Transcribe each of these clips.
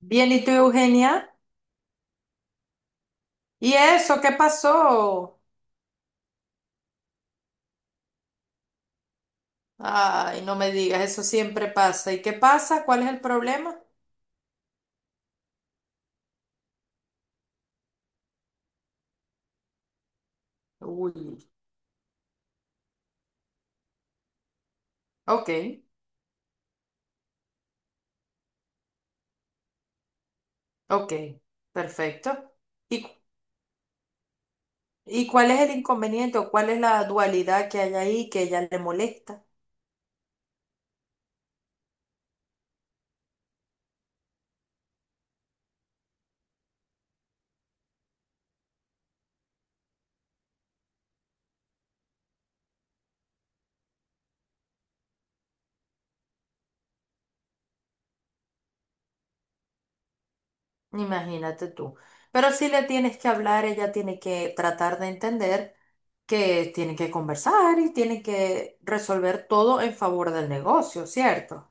Bien, ¿y tú, Eugenia? ¿Y eso qué pasó? Ay, no me digas, eso siempre pasa. ¿Y qué pasa? ¿Cuál es el problema? Uy, ok, ok, perfecto. ¿Y, y cuál es el inconveniente o cuál es la dualidad que hay ahí que ella le molesta? Imagínate tú. Pero si le tienes que hablar, ella tiene que tratar de entender que tienen que conversar y tienen que resolver todo en favor del negocio, ¿cierto?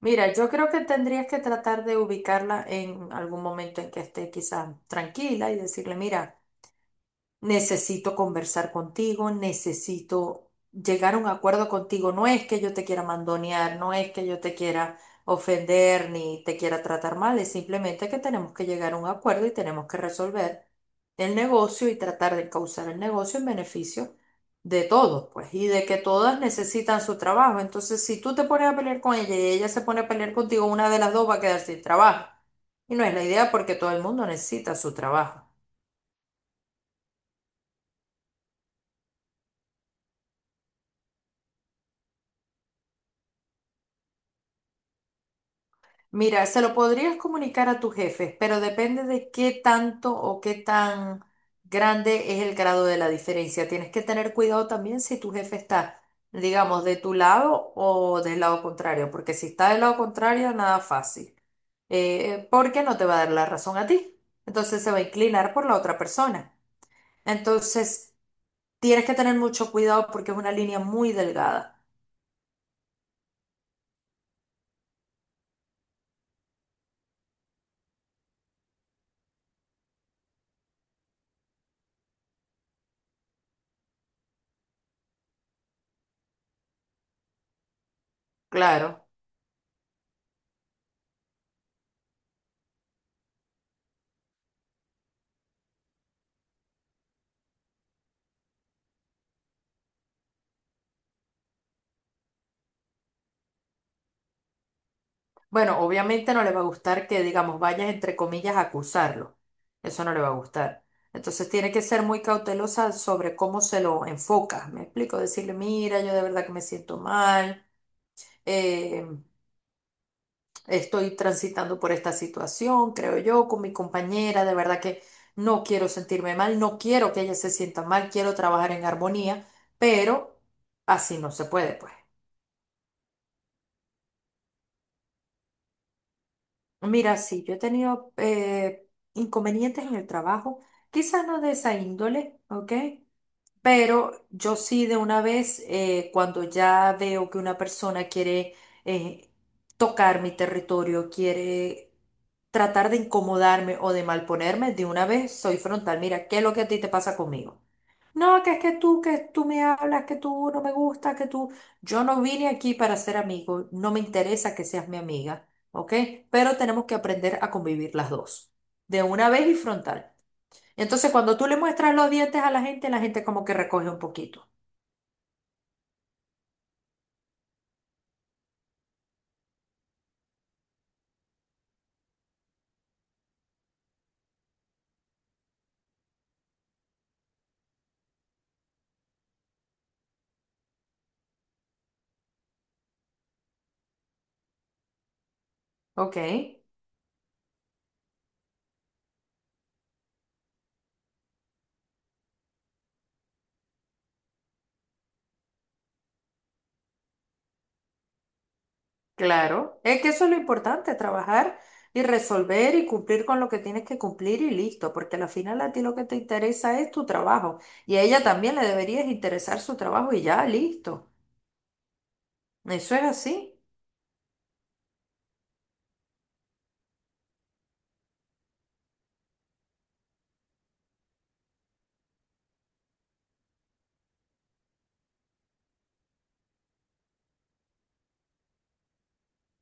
Mira, yo creo que tendrías que tratar de ubicarla en algún momento en que esté quizá tranquila y decirle, mira, necesito conversar contigo, necesito llegar a un acuerdo contigo. No es que yo te quiera mandonear, no es que yo te quiera ofender ni te quiera tratar mal, es simplemente que tenemos que llegar a un acuerdo y tenemos que resolver el negocio y tratar de causar el negocio en beneficio de todos, pues, y de que todas necesitan su trabajo. Entonces, si tú te pones a pelear con ella y ella se pone a pelear contigo, una de las dos va a quedar sin trabajo. Y no es la idea porque todo el mundo necesita su trabajo. Mira, se lo podrías comunicar a tus jefes, pero depende de qué tanto o qué tan grande es el grado de la diferencia. Tienes que tener cuidado también si tu jefe está, digamos, de tu lado o del lado contrario, porque si está del lado contrario, nada fácil, porque no te va a dar la razón a ti. Entonces se va a inclinar por la otra persona. Entonces, tienes que tener mucho cuidado porque es una línea muy delgada. Claro. Bueno, obviamente no le va a gustar que, digamos, vayas entre comillas a acusarlo. Eso no le va a gustar. Entonces tiene que ser muy cautelosa sobre cómo se lo enfoca. Me explico, decirle, mira, yo de verdad que me siento mal, eh, estoy transitando por esta situación, creo yo, con mi compañera, de verdad que no quiero sentirme mal, no quiero que ella se sienta mal, quiero trabajar en armonía, pero así no se puede, pues. Mira, sí, yo he tenido inconvenientes en el trabajo, quizás no de esa índole, ¿ok? Pero yo sí de una vez, cuando ya veo que una persona quiere eh, tocar mi territorio, quiere tratar de incomodarme o de malponerme, de una vez soy frontal. Mira, ¿qué es lo que a ti te pasa conmigo? No, que es que tú me hablas, que tú no me gustas, que tú... Yo no vine aquí para ser amigo, no me interesa que seas mi amiga, ¿ok? Pero tenemos que aprender a convivir las dos, de una vez y frontal. Entonces, cuando tú le muestras los dientes a la gente como que recoge un poquito, ¿ok? Claro, es que eso es lo importante, trabajar y resolver y cumplir con lo que tienes que cumplir y listo, porque al final a ti lo que te interesa es tu trabajo y a ella también le deberías interesar su trabajo y ya, listo. Eso es así,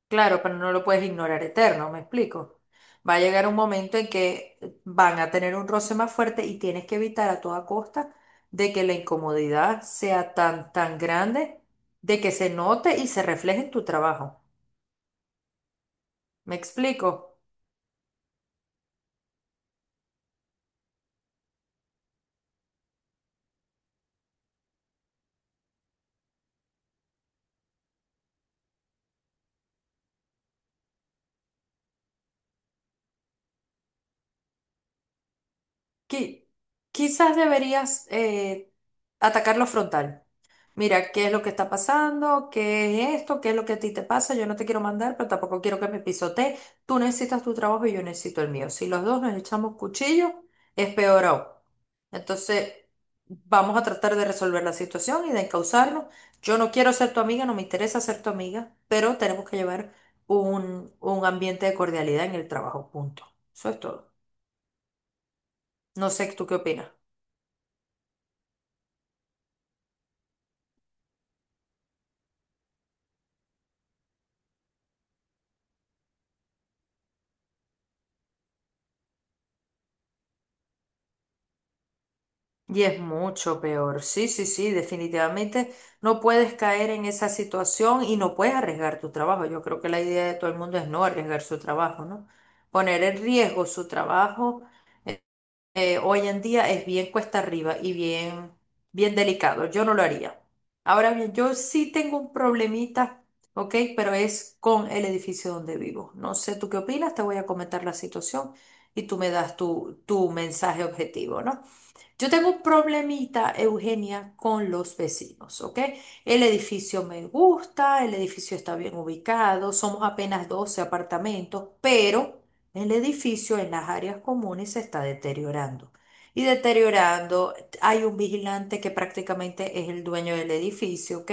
claro, pero no lo puedes ignorar eterno, ¿me explico? Va a llegar un momento en que van a tener un roce más fuerte y tienes que evitar a toda costa de que la incomodidad sea tan, tan grande, de que se note y se refleje en tu trabajo. ¿Me explico? Qui- quizás deberías atacarlo frontal. Mira, ¿qué es lo que está pasando? ¿Qué es esto? ¿Qué es lo que a ti te pasa? Yo no te quiero mandar, pero tampoco quiero que me pisotee. Tú necesitas tu trabajo y yo necesito el mío. Si los dos nos echamos cuchillo, es peor aún. Entonces, vamos a tratar de resolver la situación y de encauzarnos. Yo no quiero ser tu amiga, no me interesa ser tu amiga, pero tenemos que llevar un ambiente de cordialidad en el trabajo, punto. Eso es todo. No sé, ¿tú qué opinas? Y es mucho peor. Sí, sí, sí, definitivamente no puedes caer en esa situación y no puedes arriesgar tu trabajo. Yo creo que la idea de todo el mundo es no arriesgar su trabajo, ¿no? Poner en riesgo su trabajo hoy en día es bien cuesta arriba y bien, bien delicado. Yo no lo haría. Ahora bien, yo sí tengo un problemita, ¿ok? Pero es con el edificio donde vivo. No sé tú qué opinas, te voy a comentar la situación y tú me das tu, tu mensaje objetivo, ¿no? Yo tengo un problemita, Eugenia, con los vecinos, ¿ok? El edificio me gusta, el edificio está bien ubicado, somos apenas 12 apartamentos, pero el edificio en las áreas comunes se está deteriorando. Y deteriorando, hay un vigilante que prácticamente es el dueño del edificio, ¿ok?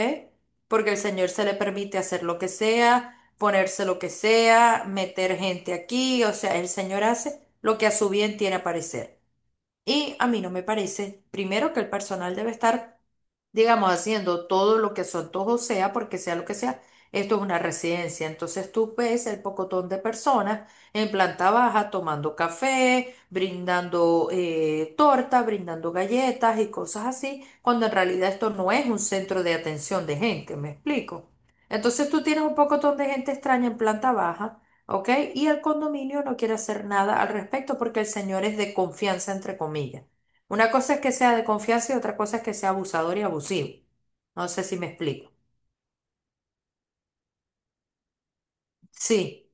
Porque el señor se le permite hacer lo que sea, ponerse lo que sea, meter gente aquí, o sea, el señor hace lo que a su bien tiene a parecer. Y a mí no me parece, primero, que el personal debe estar, digamos, haciendo todo lo que su antojo sea, porque sea lo que sea, esto es una residencia. Entonces tú ves el pocotón de personas en planta baja tomando café, brindando torta, brindando galletas y cosas así, cuando en realidad esto no es un centro de atención de gente, ¿me explico? Entonces tú tienes un pocotón de gente extraña en planta baja, ¿ok? Y el condominio no quiere hacer nada al respecto porque el señor es de confianza, entre comillas. Una cosa es que sea de confianza y otra cosa es que sea abusador y abusivo. No sé si me explico. Sí.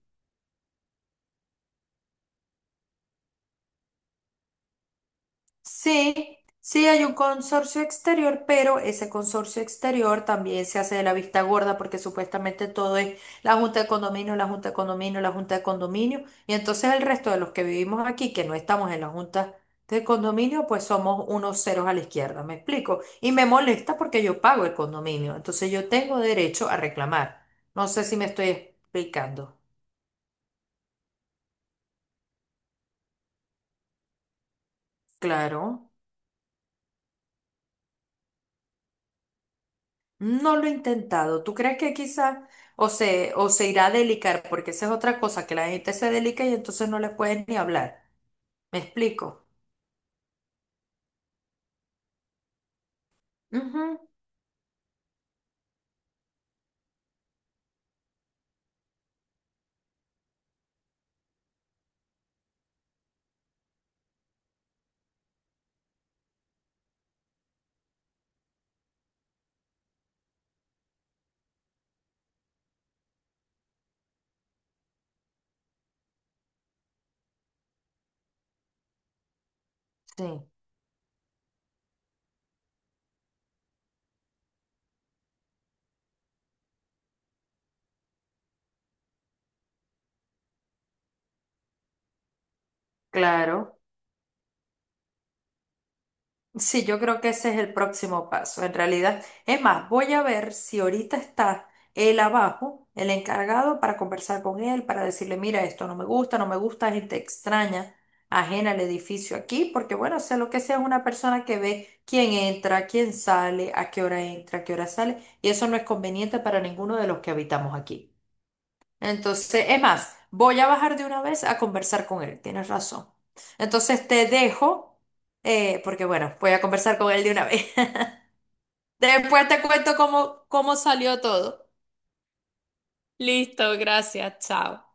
Sí, sí hay un consorcio exterior, pero ese consorcio exterior también se hace de la vista gorda porque supuestamente todo es la junta de condominio, la junta de condominio, la junta de condominio. Y entonces el resto de los que vivimos aquí, que no estamos en la junta de condominio, pues somos unos ceros a la izquierda, ¿me explico? Y me molesta porque yo pago el condominio, entonces yo tengo derecho a reclamar. No sé si me estoy explicando. Claro. No lo he intentado. ¿Tú crees que quizá o se irá a delicar? Porque esa es otra cosa, que la gente se delica y entonces no le puedes ni hablar. ¿Me explico? Ujú. Sí, claro. Sí, yo creo que ese es el próximo paso. En realidad, es más, voy a ver si ahorita está él abajo, el encargado, para conversar con él, para decirle, mira, esto no me gusta, no me gusta, gente extraña, ajena al edificio aquí, porque bueno, sea lo que sea, es una persona que ve quién entra, quién sale, a qué hora entra, a qué hora sale, y eso no es conveniente para ninguno de los que habitamos aquí. Entonces, es más, voy a bajar de una vez a conversar con él, tienes razón. Entonces te dejo, porque bueno, voy a conversar con él de una vez. Después te cuento cómo, cómo salió todo. Listo, gracias, chao.